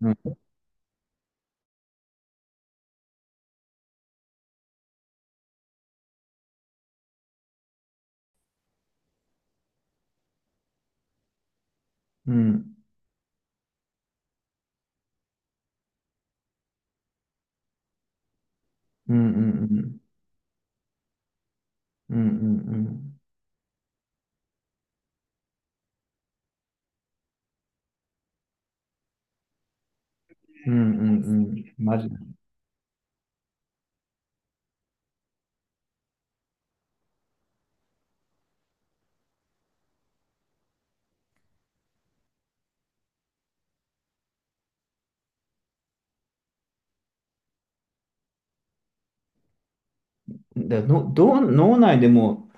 うん、うん、うん、うん、うん、うん、うん、うん、うん、うんマジで。の、どう、脳内でも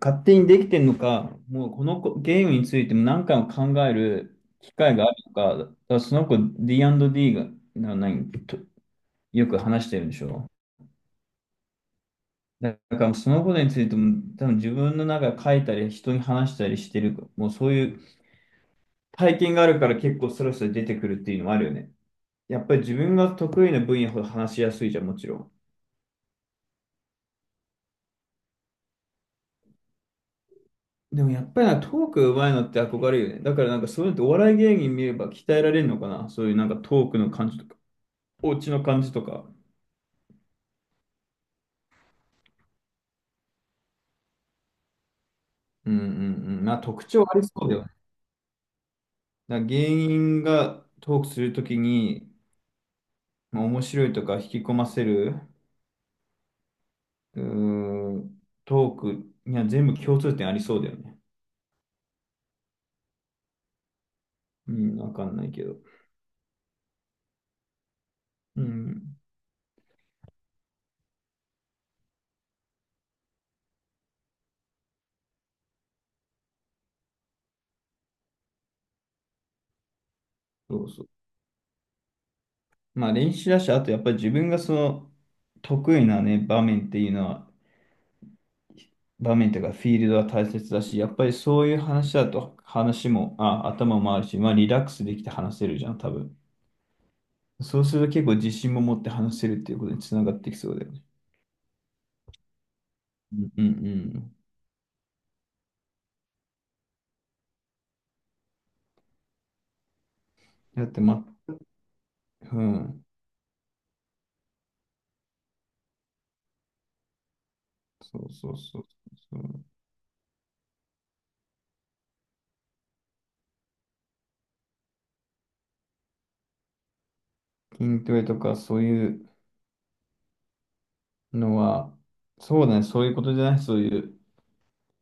勝手にできてるのか、もうこの子ゲームについても何回も考える機会があるのか、だからその子 D&D が、な、何、と、よく話してるんでしょ？だからそのことについても多分自分の中で書いたり人に話したりしてる、もうそういう体験があるから結構スラスラ出てくるっていうのもあるよね。やっぱり自分が得意な分野ほど話しやすいじゃん、もちろん。でもやっぱりなトーク上手いのって憧れるよね。だからなんかそういうのってお笑い芸人見れば鍛えられるのかな。そういうなんかトークの感じとか、お家の感じとか。うん。まあ特徴ありそうだよね。だから芸人がトークするときに、まあ、面白いとか引き込ませる、トークには全部共通点ありそうだよね。うん、わかんないけど。うん。そうそう。まあ練習だし、あとやっぱり自分がその得意なね、場面っていうのは、場面というかフィールドは大切だし、やっぱりそういう話だと話も、あ、頭もあるし、まあリラックスできて話せるじゃん、多分。そうすると結構自信も持って話せるっていうことにつながってきそうだよね。うんうんうん。だってま、うん。そうそうそうそう。筋トレとかそういうのは、そうだね、そういうことじゃない、そういう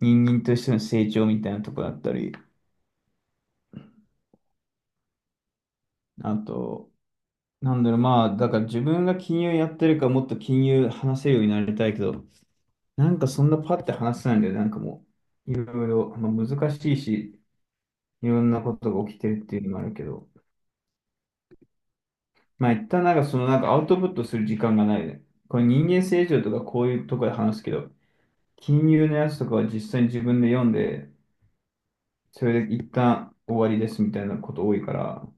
人間としての成長みたいなところだったり、あと、なんだろう、まあ、だから自分が金融やってるからもっと金融話せるようになりたいけど、なんかそんなパッて話せないんだよね、なんかもう、いろいろ、まあ、難しいし、いろんなことが起きてるっていうのもあるけど、まあ一旦なんかそのなんかアウトプットする時間がないね。これ人間成長とかこういうところで話すけど、金融のやつとかは実際に自分で読んで、それで一旦終わりですみたいなこと多いから、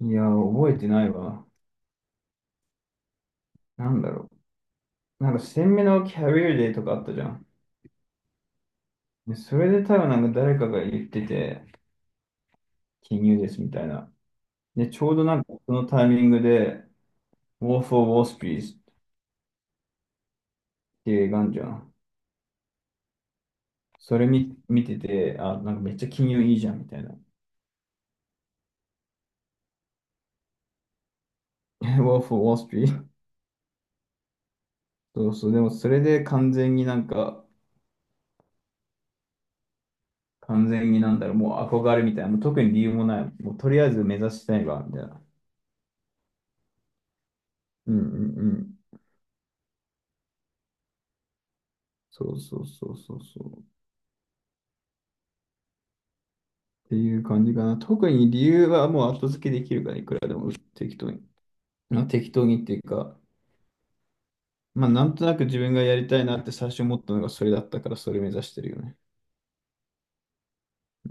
いや、覚えてないわ。なんだろう。なんか鮮明のキャリアデーとかあったじゃん。で、それで多分なんか誰かが言ってて、金融ですみたいな。で、ちょうどなんかそのタイミングで、War for Wall Street っていう映画あんじゃん。それ見、見てて、あ、なんかめっちゃ金融いいじゃんみたいな。War for Wall Street？ そうそう、でもそれで完全になんか、完全になんだろう、もう憧れみたいな、もう特に理由もない、もうとりあえず目指したいわ、みたいな。うんうんうん。そうそうそうそうそう。っていう感じかな。特に理由はもう後付けできるから、いくらでも適当に。まあ、適当にっていうか、まあなんとなく自分がやりたいなって最初思ったのがそれだったから、それ目指してるよね。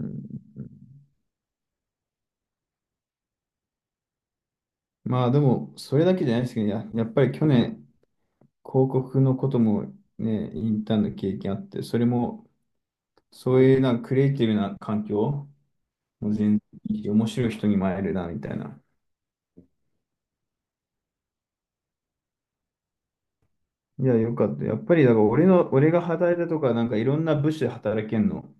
うんうんうんまあでも、それだけじゃないですけど、やっぱり去年、広告のこともね、インターンの経験あって、それも、そういうなんかクリエイティブな環境、もう全然いいし面白い人にも会えるな、みたいな。いや、よかった。やっぱり、だから俺の、俺が働いたとか、なんかいろんな部署で働けんの。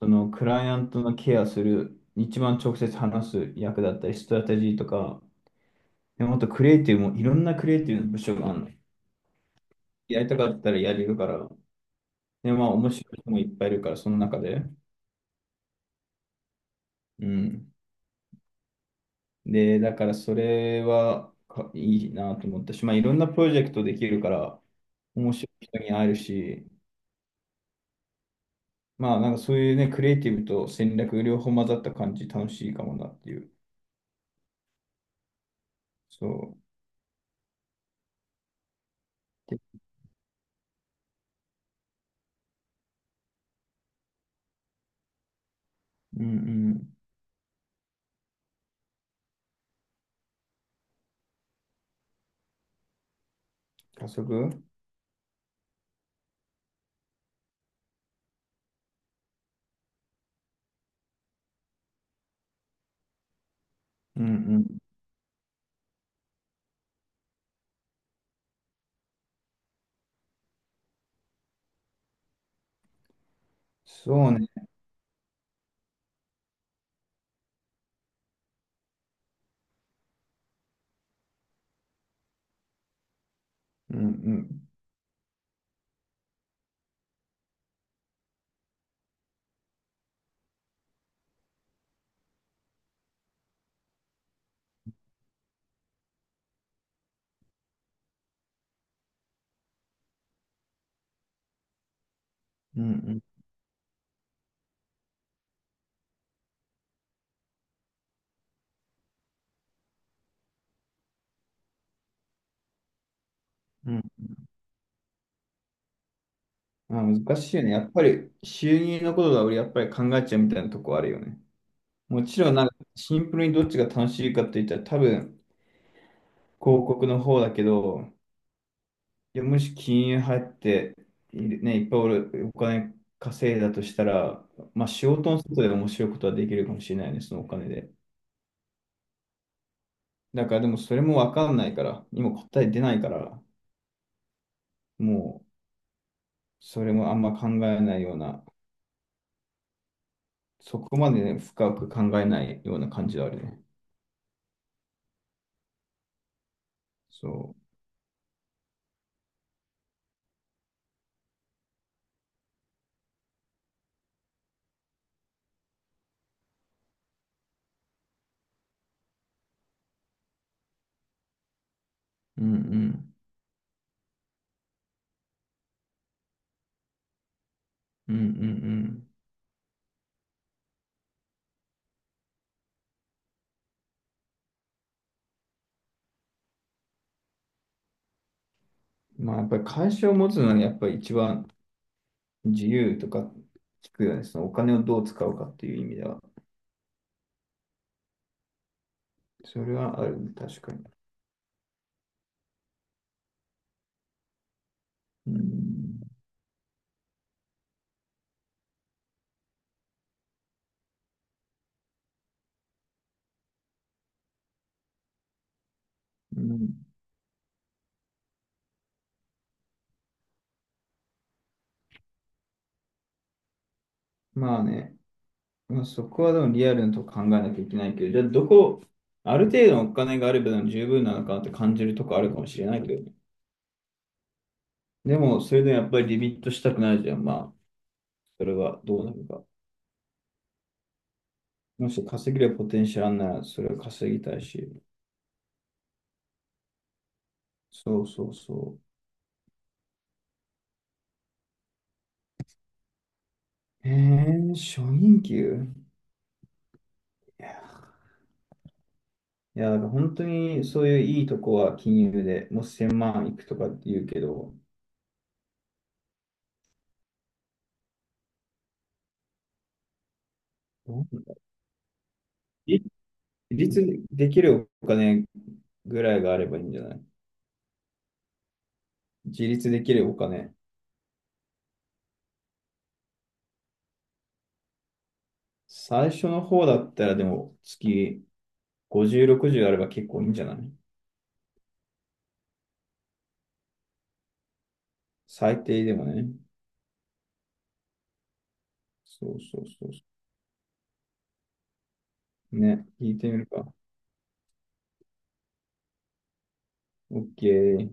その、クライアントのケアする、一番直接話す役だったり、ストラテジーとか、でもっとクリエイティブも、いろんなクリエイティブの部署があるの。やりたかったらやれるから。で、まあ、面白い人もいっぱいいるから、その中で。うん。で、だからそれはかいいなと思ったし、まあ、いろんなプロジェクトできるから、面白い人に会えるし、まあ、なんかそういうね、クリエイティブと戦略両方混ざった感じ、楽しいかもなっていう。そう。でうんうん。加速うんうん。そうね。うんうん。うんうん。うんまあ、難しいよね。やっぱり収入のことが俺やっぱり考えちゃうみたいなとこあるよね。もちろんなんかシンプルにどっちが楽しいかって言ったら多分広告の方だけど、いや、もし金融入っている、ね、いっぱい俺お金稼いだとしたら、まあ仕事の外で面白いことはできるかもしれないね、そのお金で。だからでもそれもわかんないから、今答え出ないから、もうそれもあんま考えないような、そこまで、ね、深く考えないような感じはあるね。そう。うん。うんうんうん。まあやっぱり会社を持つのはねやっぱり一番自由とか聞くよね、そのお金をどう使うかっていう意味では。それはあるね、確かに。うん、うん。まあね、まあ、そこはでもリアルなとこ考えなきゃいけないけど、じゃあどこ、ある程度のお金があれば十分なのかなって感じるとこあるかもしれないけどね。でも、それでもやっぱりリミットしたくないじゃん。まあ、それはどうなるか。もし稼げるポテンシャルあんなら、それを稼ぎたいし。そうそうそう。えー、初任給いや、だから本当にそういういいとこは金融でもう1000万いくとかって言うけど、どう自立できるお金ぐらいがあればいいんじゃない？自立できるお金。最初の方だったらでも月50、60あれば結構いいんじゃない？最低でもね。そうそうそうそう。ね、聞いてみるか。OK。